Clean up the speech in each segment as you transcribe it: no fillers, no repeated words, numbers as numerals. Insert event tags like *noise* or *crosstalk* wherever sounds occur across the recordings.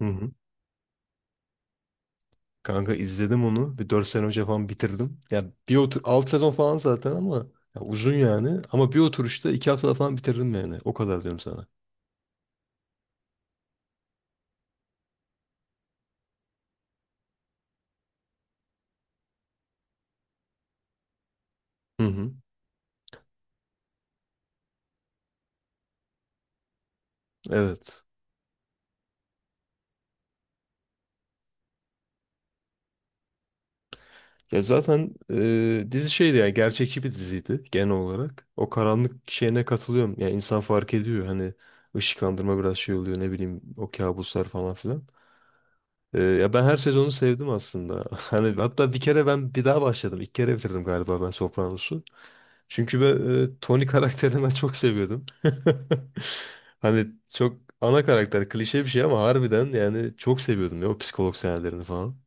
Hı hı. Kanka izledim onu. Bir 4 sene önce falan bitirdim. Ya bir otur 6 sezon falan zaten ama ya uzun yani. Ama bir oturuşta 2 haftada falan bitirdim yani. O kadar diyorum sana. Hı hı. Evet. Ya zaten dizi şeydi yani gerçekçi bir diziydi genel olarak. O karanlık şeyine katılıyorum. Yani insan fark ediyor hani ışıklandırma biraz şey oluyor, ne bileyim, o kabuslar falan filan. Ya ben her sezonu sevdim aslında. *laughs* Hani hatta bir kere ben bir daha başladım. İlk kere bitirdim galiba ben Sopranos'u. Çünkü ben Tony *laughs* karakterini ben çok seviyordum. *laughs* Hani çok ana karakter klişe bir şey ama harbiden yani çok seviyordum ya o psikolog sahnelerini falan.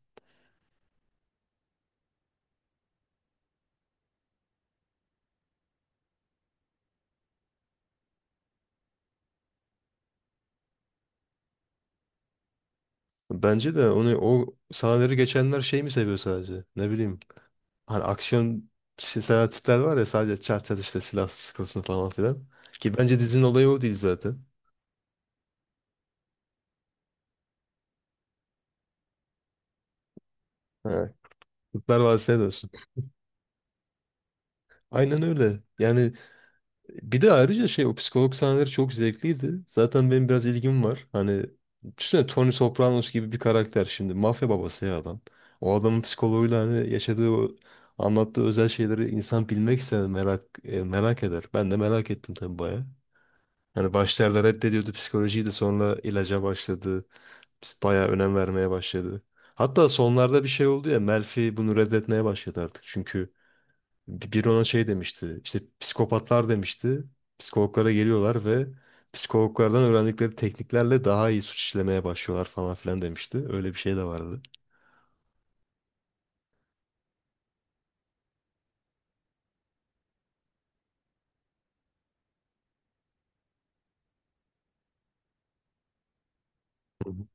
Bence de onu, o sahneleri geçenler şey mi seviyor sadece? Ne bileyim. Hani aksiyon işte seven tipler var ya, sadece çat çat işte silah sıkılsın falan filan. Ki bence dizinin olayı o değil zaten. Ha, Kurtlar Vadisi'ne dönsün. Aynen öyle. Yani bir de ayrıca şey, o psikolog sahneleri çok zevkliydi. Zaten benim biraz ilgim var. Hani düşünsene Tony Sopranos gibi bir karakter şimdi. Mafya babası ya adam. O adamın psikoloğuyla hani yaşadığı o anlattığı özel şeyleri insan bilmek ister, merak merak eder. Ben de merak ettim tabii baya. Hani başlarda reddediyordu psikolojiyi de sonra ilaca başladı. Baya önem vermeye başladı. Hatta sonlarda bir şey oldu ya, Melfi bunu reddetmeye başladı artık. Çünkü Biri ona şey demişti. İşte psikopatlar demişti. Psikologlara geliyorlar ve psikologlardan öğrendikleri tekniklerle daha iyi suç işlemeye başlıyorlar falan filan demişti. Öyle bir şey de vardı. Hı hı.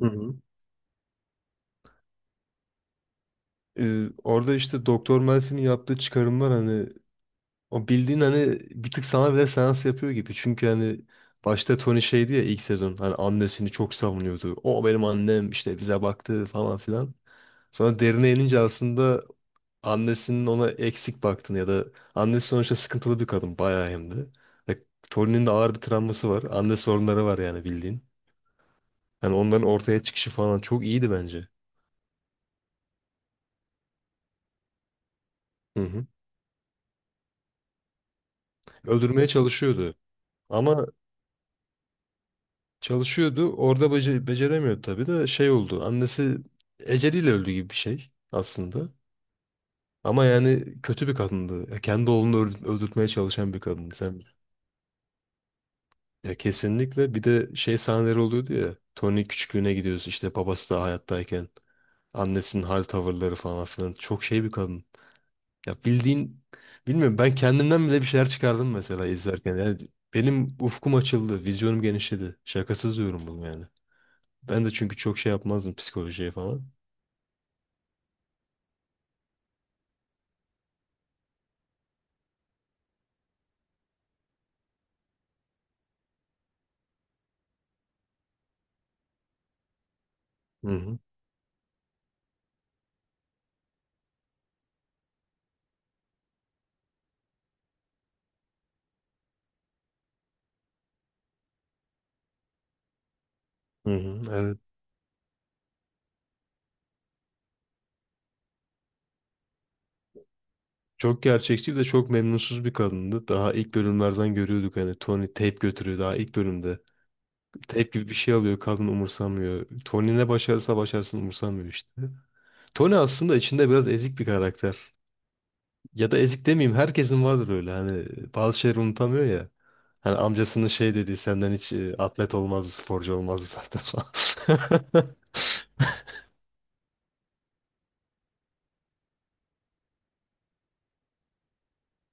Hı hı. Orada işte Doktor Melfi'nin yaptığı çıkarımlar, hani o bildiğin hani bir tık sana bile seans yapıyor gibi. Çünkü hani başta Tony şeydi ya, ilk sezon hani annesini çok savunuyordu. O benim annem işte, bize baktı falan filan. Sonra derine inince aslında annesinin ona eksik baktığını ya da annesi sonuçta sıkıntılı bir kadın bayağı hem de. Ve Tony'nin de ağır bir travması var. Anne sorunları var yani bildiğin. Hani onların ortaya çıkışı falan çok iyiydi bence. Hı hı. Öldürmeye çalışıyordu. Ama çalışıyordu. Orada beceremiyordu tabii de şey oldu. Annesi eceliyle öldü gibi bir şey aslında. Ama yani kötü bir kadındı. Ya kendi oğlunu öldürtmeye çalışan bir kadındı. Sen ya kesinlikle bir de şey sahneleri oluyordu ya. Tony küçüklüğüne gidiyoruz işte, babası da hayattayken. Annesinin hal tavırları falan filan. Çok şey bir kadın. Ya bildiğin, bilmiyorum, ben kendimden bile bir şeyler çıkardım mesela izlerken. Yani benim ufkum açıldı, vizyonum genişledi. Şakasız diyorum bunu yani. Ben de çünkü çok şey yapmazdım psikolojiye falan. Hı hı. Hı hı. Evet. Çok gerçekçi, bir de çok memnunsuz bir kadındı. Daha ilk bölümlerden görüyorduk hani, Tony tape götürüyor daha ilk bölümde. Tape gibi bir şey alıyor, kadın umursamıyor. Tony ne başarırsa başarsın umursamıyor işte. Tony aslında içinde biraz ezik bir karakter. Ya da ezik demeyeyim, herkesin vardır öyle hani bazı şeyleri unutamıyor ya. Hani amcasının şey dediği, senden hiç atlet olmazdı, sporcu olmazdı zaten falan. *laughs*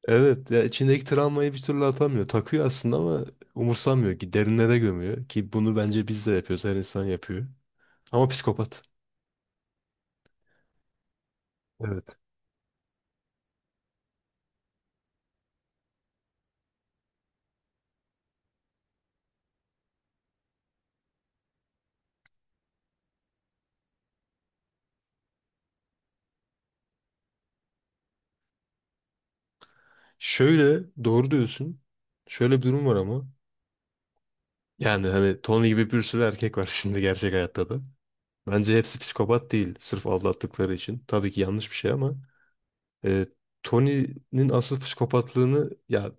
Evet ya, içindeki travmayı bir türlü atamıyor. Takıyor aslında ama umursamıyor ki, derinlere gömüyor ki, bunu bence biz de yapıyoruz, her insan yapıyor. Ama psikopat. Evet. Şöyle, doğru diyorsun. Şöyle bir durum var ama. Yani hani Tony gibi bir sürü erkek var *laughs* şimdi gerçek hayatta da. Bence hepsi psikopat değil sırf aldattıkları için. Tabii ki yanlış bir şey ama e, Tony'nin asıl psikopatlığını ya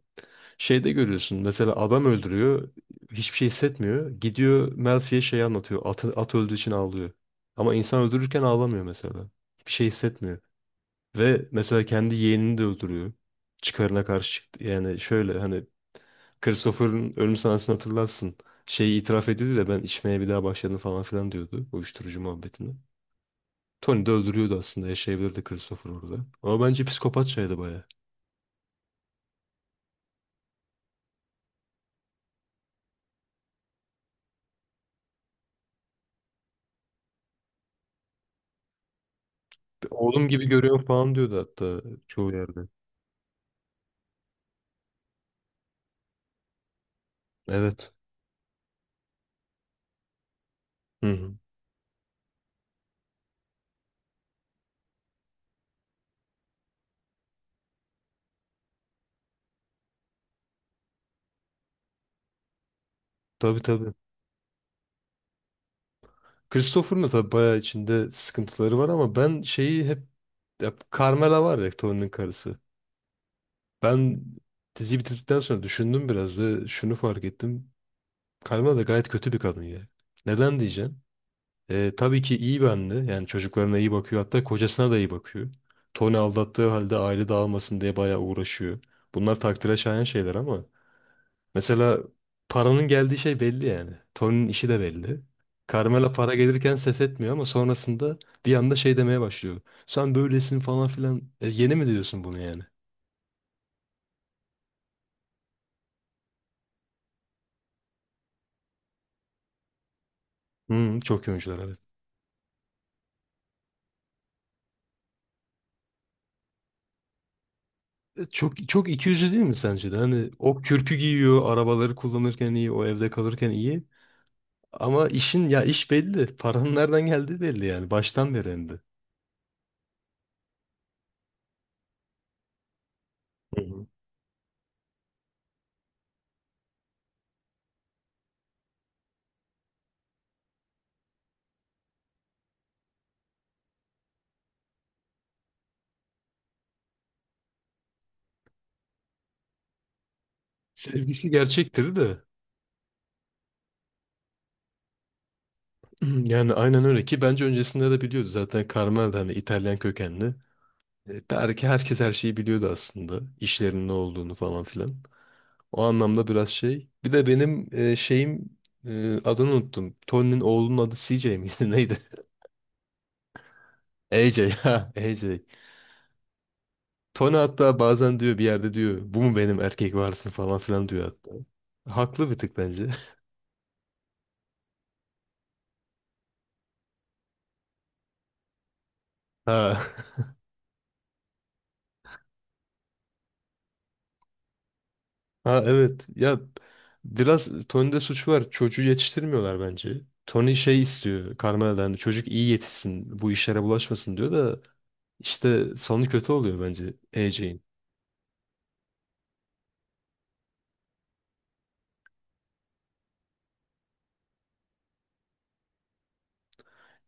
şeyde görüyorsun. Mesela adam öldürüyor, hiçbir şey hissetmiyor. Gidiyor Melfi'ye şey anlatıyor, at öldüğü için ağlıyor. Ama insan öldürürken ağlamıyor mesela. Hiçbir şey hissetmiyor. Ve mesela kendi yeğenini de öldürüyor. Çıkarına karşı çıktı. Yani şöyle hani, Christopher'ın ölüm sahnesini hatırlarsın. Şeyi itiraf ediyordu da, ben içmeye bir daha başladım falan filan diyordu. Uyuşturucu muhabbetini. Tony de öldürüyordu aslında, yaşayabilirdi Christopher orada. Ama bence psikopatçaydı baya. Oğlum gibi görüyorum falan diyordu hatta çoğu yerde. Evet. Hı hı. Tabii tabii. Christopher'ın da tabii bayağı içinde sıkıntıları var ama ben şeyi hep, ya Carmela var ya Tony'nin karısı. Ben diziyi bitirdikten sonra düşündüm biraz ve şunu fark ettim. Carmela da gayet kötü bir kadın ya. Neden diyeceğim? Tabii ki iyi bir anne. Yani çocuklarına iyi bakıyor. Hatta kocasına da iyi bakıyor. Tony aldattığı halde aile dağılmasın diye bayağı uğraşıyor. Bunlar takdire şayan şeyler ama mesela paranın geldiği şey belli yani. Tony'nin işi de belli. Carmela para gelirken ses etmiyor ama sonrasında bir anda şey demeye başlıyor. Sen böylesin falan filan. E, yeni mi diyorsun bunu yani? Hı, çok iyi oyuncular, evet. Çok çok ikiyüzlü değil mi sence de? Hani o kürkü giyiyor, arabaları kullanırken iyi, o evde kalırken iyi. Ama işin ya, iş belli. Paranın *laughs* nereden geldiği belli yani. Baştan beri hem de. Hı hı. Sevgisi gerçektir de. *clears throat* Yani aynen öyle, ki bence öncesinde de biliyordu zaten Carmel de, hani İtalyan kökenli. Belki herkes her şeyi biliyordu aslında. İşlerin ne olduğunu falan filan. O anlamda biraz şey. Bir de benim şeyim, adını unuttum. Tony'nin oğlunun adı CJ miydi *laughs* neydi? AJ, ha AJ. Tony hatta bazen diyor bir yerde, diyor bu mu benim erkek varisim falan filan diyor hatta. Haklı bir tık bence. *laughs* Ha. Ha, evet. Ya biraz Tony'de suç var. Çocuğu yetiştirmiyorlar bence. Tony şey istiyor Carmela'dan. Çocuk iyi yetişsin. Bu işlere bulaşmasın diyor da işte sonu kötü oluyor bence AJ'in.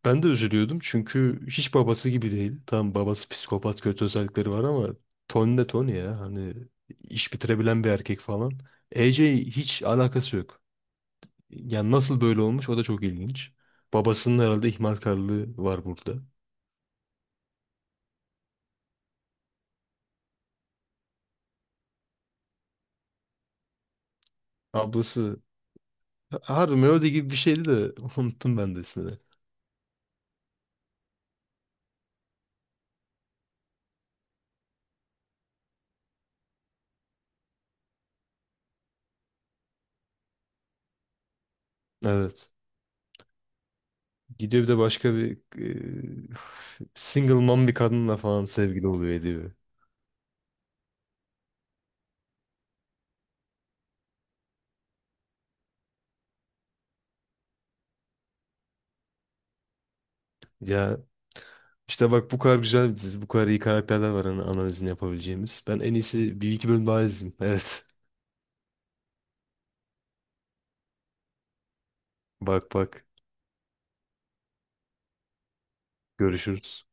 Ben de üzülüyordum çünkü hiç babası gibi değil. Tamam, babası psikopat, kötü özellikleri var ama Tony de Tony ya. Hani iş bitirebilen bir erkek falan. AJ, hiç alakası yok. Yani nasıl böyle olmuş o da çok ilginç. Babasının herhalde ihmalkarlığı var burada. Ablası harbi Melody gibi bir şeydi de *laughs* unuttum ben de ismini. Evet. Gidiyor bir de başka bir single mom bir kadınla falan, sevgili oluyor ediyor. Ya işte bak, bu kadar güzel bir dizi, bu kadar iyi karakterler var hani analizini yapabileceğimiz. Ben en iyisi bir iki bölüm daha izleyeyim. Evet. Bak bak. Görüşürüz.